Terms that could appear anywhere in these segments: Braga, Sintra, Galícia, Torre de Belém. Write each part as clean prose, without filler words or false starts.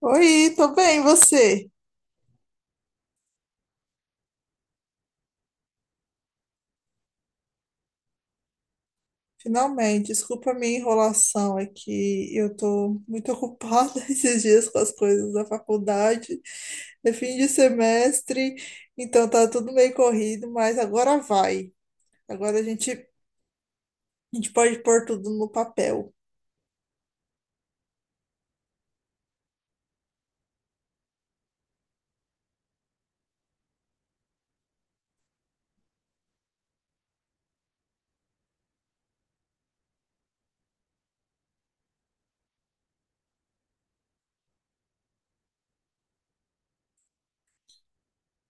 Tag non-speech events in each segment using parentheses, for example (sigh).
Oi, tô bem, e você? Finalmente, desculpa a minha enrolação, é que eu tô muito ocupada (laughs) esses dias com as coisas da faculdade, é fim de semestre, então tá tudo meio corrido, mas agora vai. Agora a gente pode pôr tudo no papel.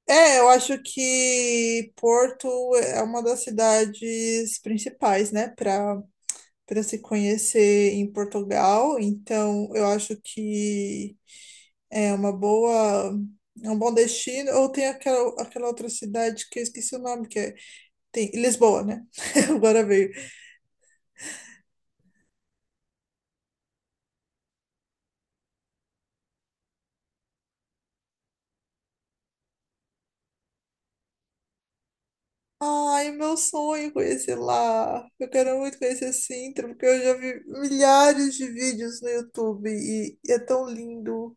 É, eu acho que Porto é uma das cidades principais, né, para se conhecer em Portugal, então eu acho que é uma boa, é um bom destino. Ou tem aquela outra cidade que eu esqueci o nome, que é, tem Lisboa, né? (laughs) Agora veio. Ai, meu sonho é conhecer lá. Eu quero muito conhecer Sintra, porque eu já vi milhares de vídeos no YouTube e é tão lindo.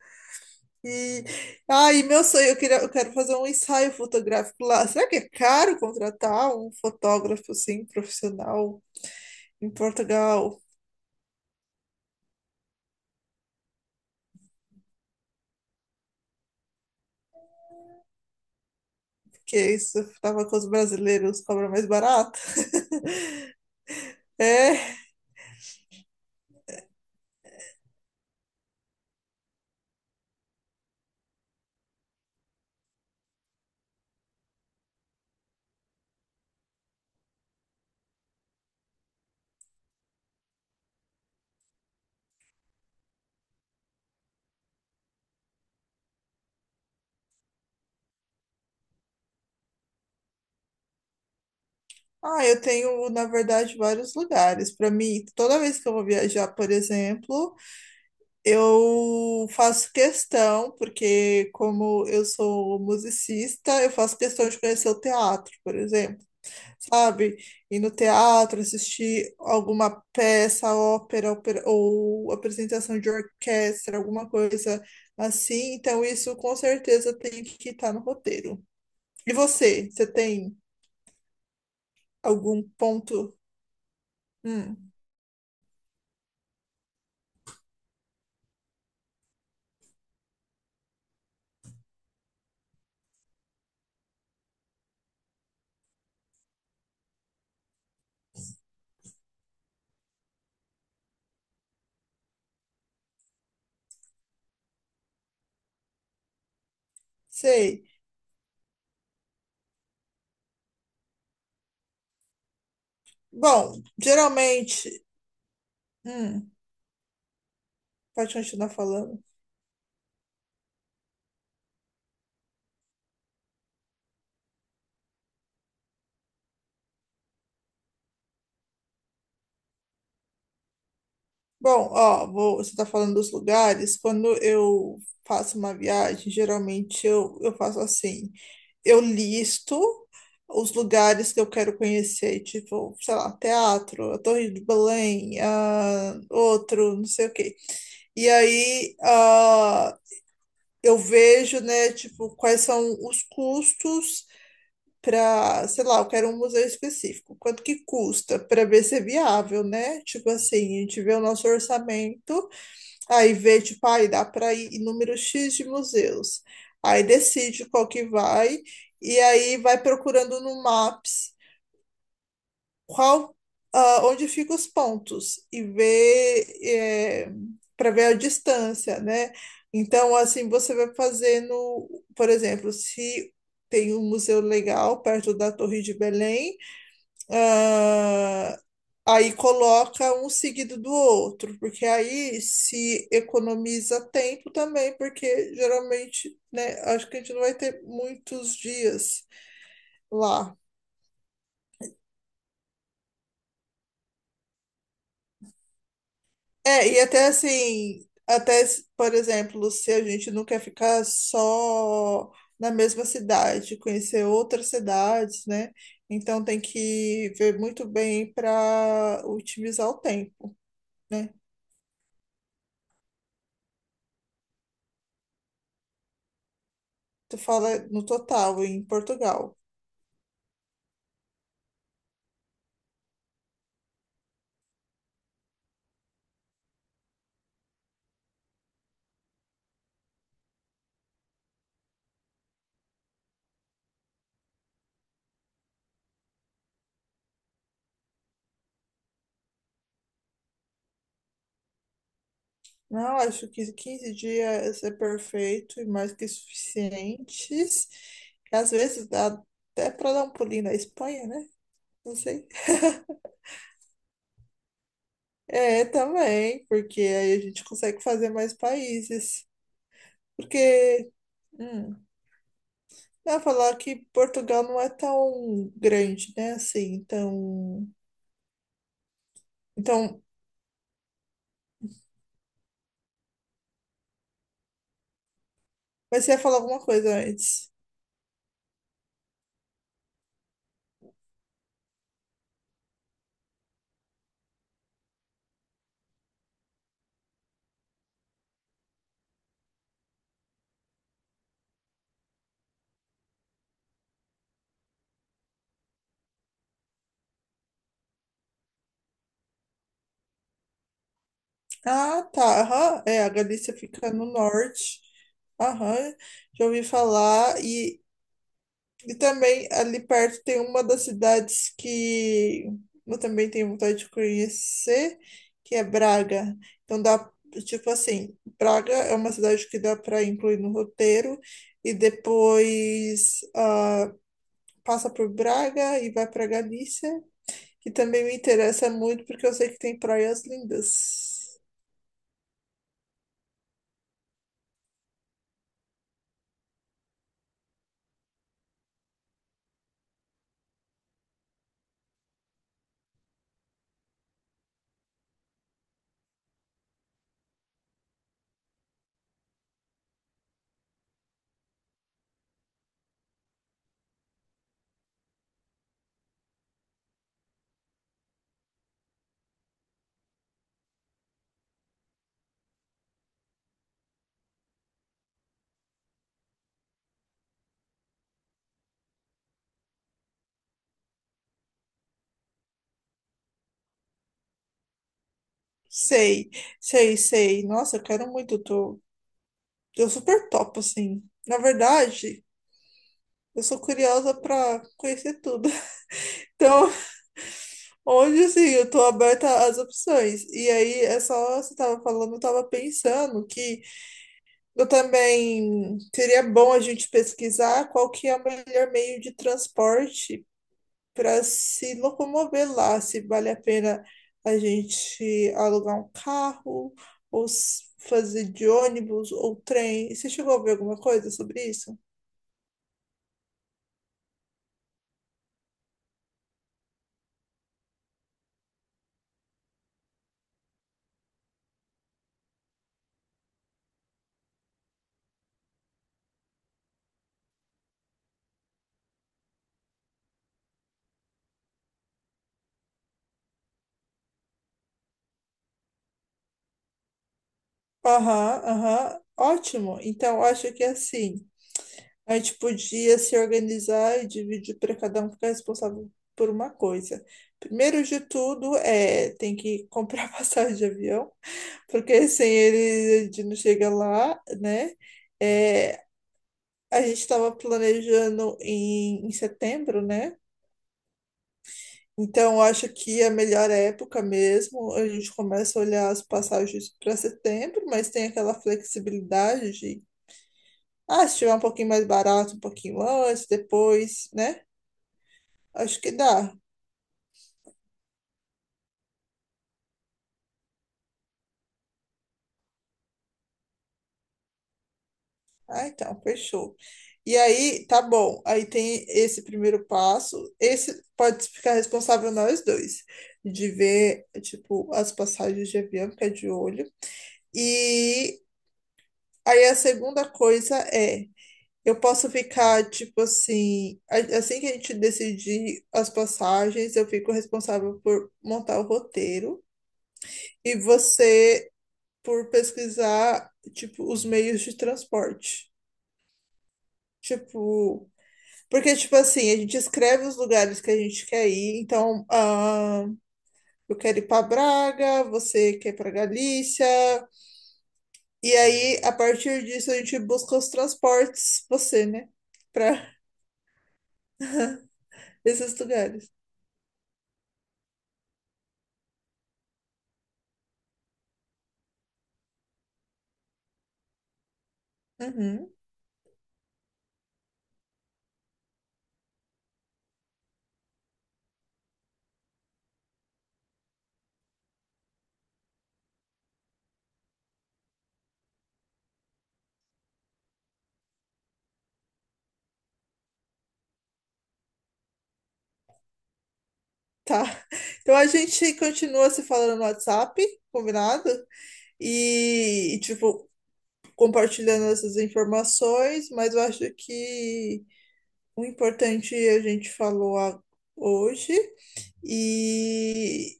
E ai, meu sonho, eu quero fazer um ensaio fotográfico lá. Será que é caro contratar um fotógrafo assim, profissional em Portugal? Porque isso tava com os brasileiros, cobra mais barato. (laughs) É. Ah, eu tenho, na verdade, vários lugares. Para mim, toda vez que eu vou viajar, por exemplo, eu faço questão, porque como eu sou musicista, eu faço questão de conhecer o teatro, por exemplo. Sabe? Ir no teatro, assistir alguma peça, ópera, ou apresentação de orquestra, alguma coisa assim. Então, isso com certeza tem que estar no roteiro. E você tem algum ponto? Hum, sei. Bom, geralmente. Hum, Pode continuar falando. Bom, ó, você está falando dos lugares. Quando eu faço uma viagem, geralmente eu faço assim. Eu listo os lugares que eu quero conhecer, tipo, sei lá, teatro, a Torre de Belém, ah, outro, não sei o quê. E aí, ah, eu vejo, né, tipo, quais são os custos para, sei lá, eu quero um museu específico. Quanto que custa para ver se é viável, né? Tipo assim, a gente vê o nosso orçamento. Aí vê, tipo, aí dá para ir em número X de museus. Aí decide qual que vai, e aí vai procurando no Maps qual, ah, onde ficam os pontos, e vê, para ver a distância, né? Então, assim, você vai fazendo, por exemplo, se tem um museu legal perto da Torre de Belém, ah, aí coloca um seguido do outro, porque aí se economiza tempo também, porque geralmente, né, acho que a gente não vai ter muitos dias lá. É, e até assim, até, por exemplo, se a gente não quer ficar só na mesma cidade, conhecer outras cidades, né? Então tem que ver muito bem para otimizar o tempo, né? Tu fala no total, em Portugal. Não, acho que 15 dias é perfeito e mais que suficientes. Às vezes dá até para dar um pulinho na Espanha, né? Não sei. É, também, porque aí a gente consegue fazer mais países. Porque, hum, eu ia falar que Portugal não é tão grande, né? Assim, então. Mas você ia falar alguma coisa antes. Ah, tá. Aham. É, a Galícia fica no norte. Aham. Já ouvi falar. E também ali perto tem uma das cidades que eu também tenho vontade de conhecer, que é Braga. Então dá, tipo assim, Braga é uma cidade que dá para incluir no roteiro e depois ah, passa por Braga e vai para Galícia, que também me interessa muito porque eu sei que tem praias lindas. Sei, sei, sei. Nossa, eu quero muito, tô, eu super topo assim. Na verdade, eu sou curiosa para conhecer tudo. (laughs) Então, hoje assim, eu tô aberta às opções. E aí, é só você tava falando, eu tava pensando que eu também seria bom a gente pesquisar qual que é o melhor meio de transporte para se locomover lá, se vale a pena a gente alugar um carro ou fazer de ônibus ou trem. Você chegou a ver alguma coisa sobre isso? Aham, aham, ótimo. Então, eu acho que assim. A gente podia se organizar e dividir para cada um ficar responsável por uma coisa. Primeiro de tudo, é, tem que comprar (laughs) passagem de avião, porque sem ele a gente não chega lá, né? É, a gente estava planejando em, setembro, né? Então, eu acho que é a melhor época mesmo. A gente começa a olhar as passagens para setembro, mas tem aquela flexibilidade de, ah, se tiver um pouquinho mais barato, um pouquinho antes, depois, né? Acho que dá. Ah, então, fechou. E aí, tá bom. Aí tem esse primeiro passo. Esse pode ficar responsável nós dois, de ver, tipo, as passagens de avião, ficar de olho. E aí a segunda coisa é, eu posso ficar, tipo assim, assim que a gente decidir as passagens, eu fico responsável por montar o roteiro e você por pesquisar, tipo, os meios de transporte. Tipo, porque, tipo assim, a gente escreve os lugares que a gente quer ir. Então, ah, eu quero ir para Braga, você quer ir para Galícia. E aí, a partir disso, a gente busca os transportes, você, né? Para (laughs) esses lugares. Uhum, tá. (laughs) Então, a gente continua se falando no WhatsApp, combinado? E, tipo, compartilhando essas informações. Mas eu acho que o importante é a gente falou hoje. E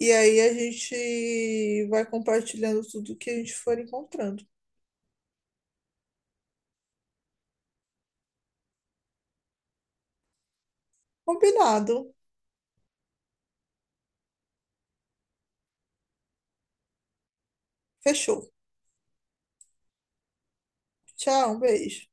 E aí a gente vai compartilhando tudo que a gente for encontrando. Combinado. Fechou. Tchau, um beijo.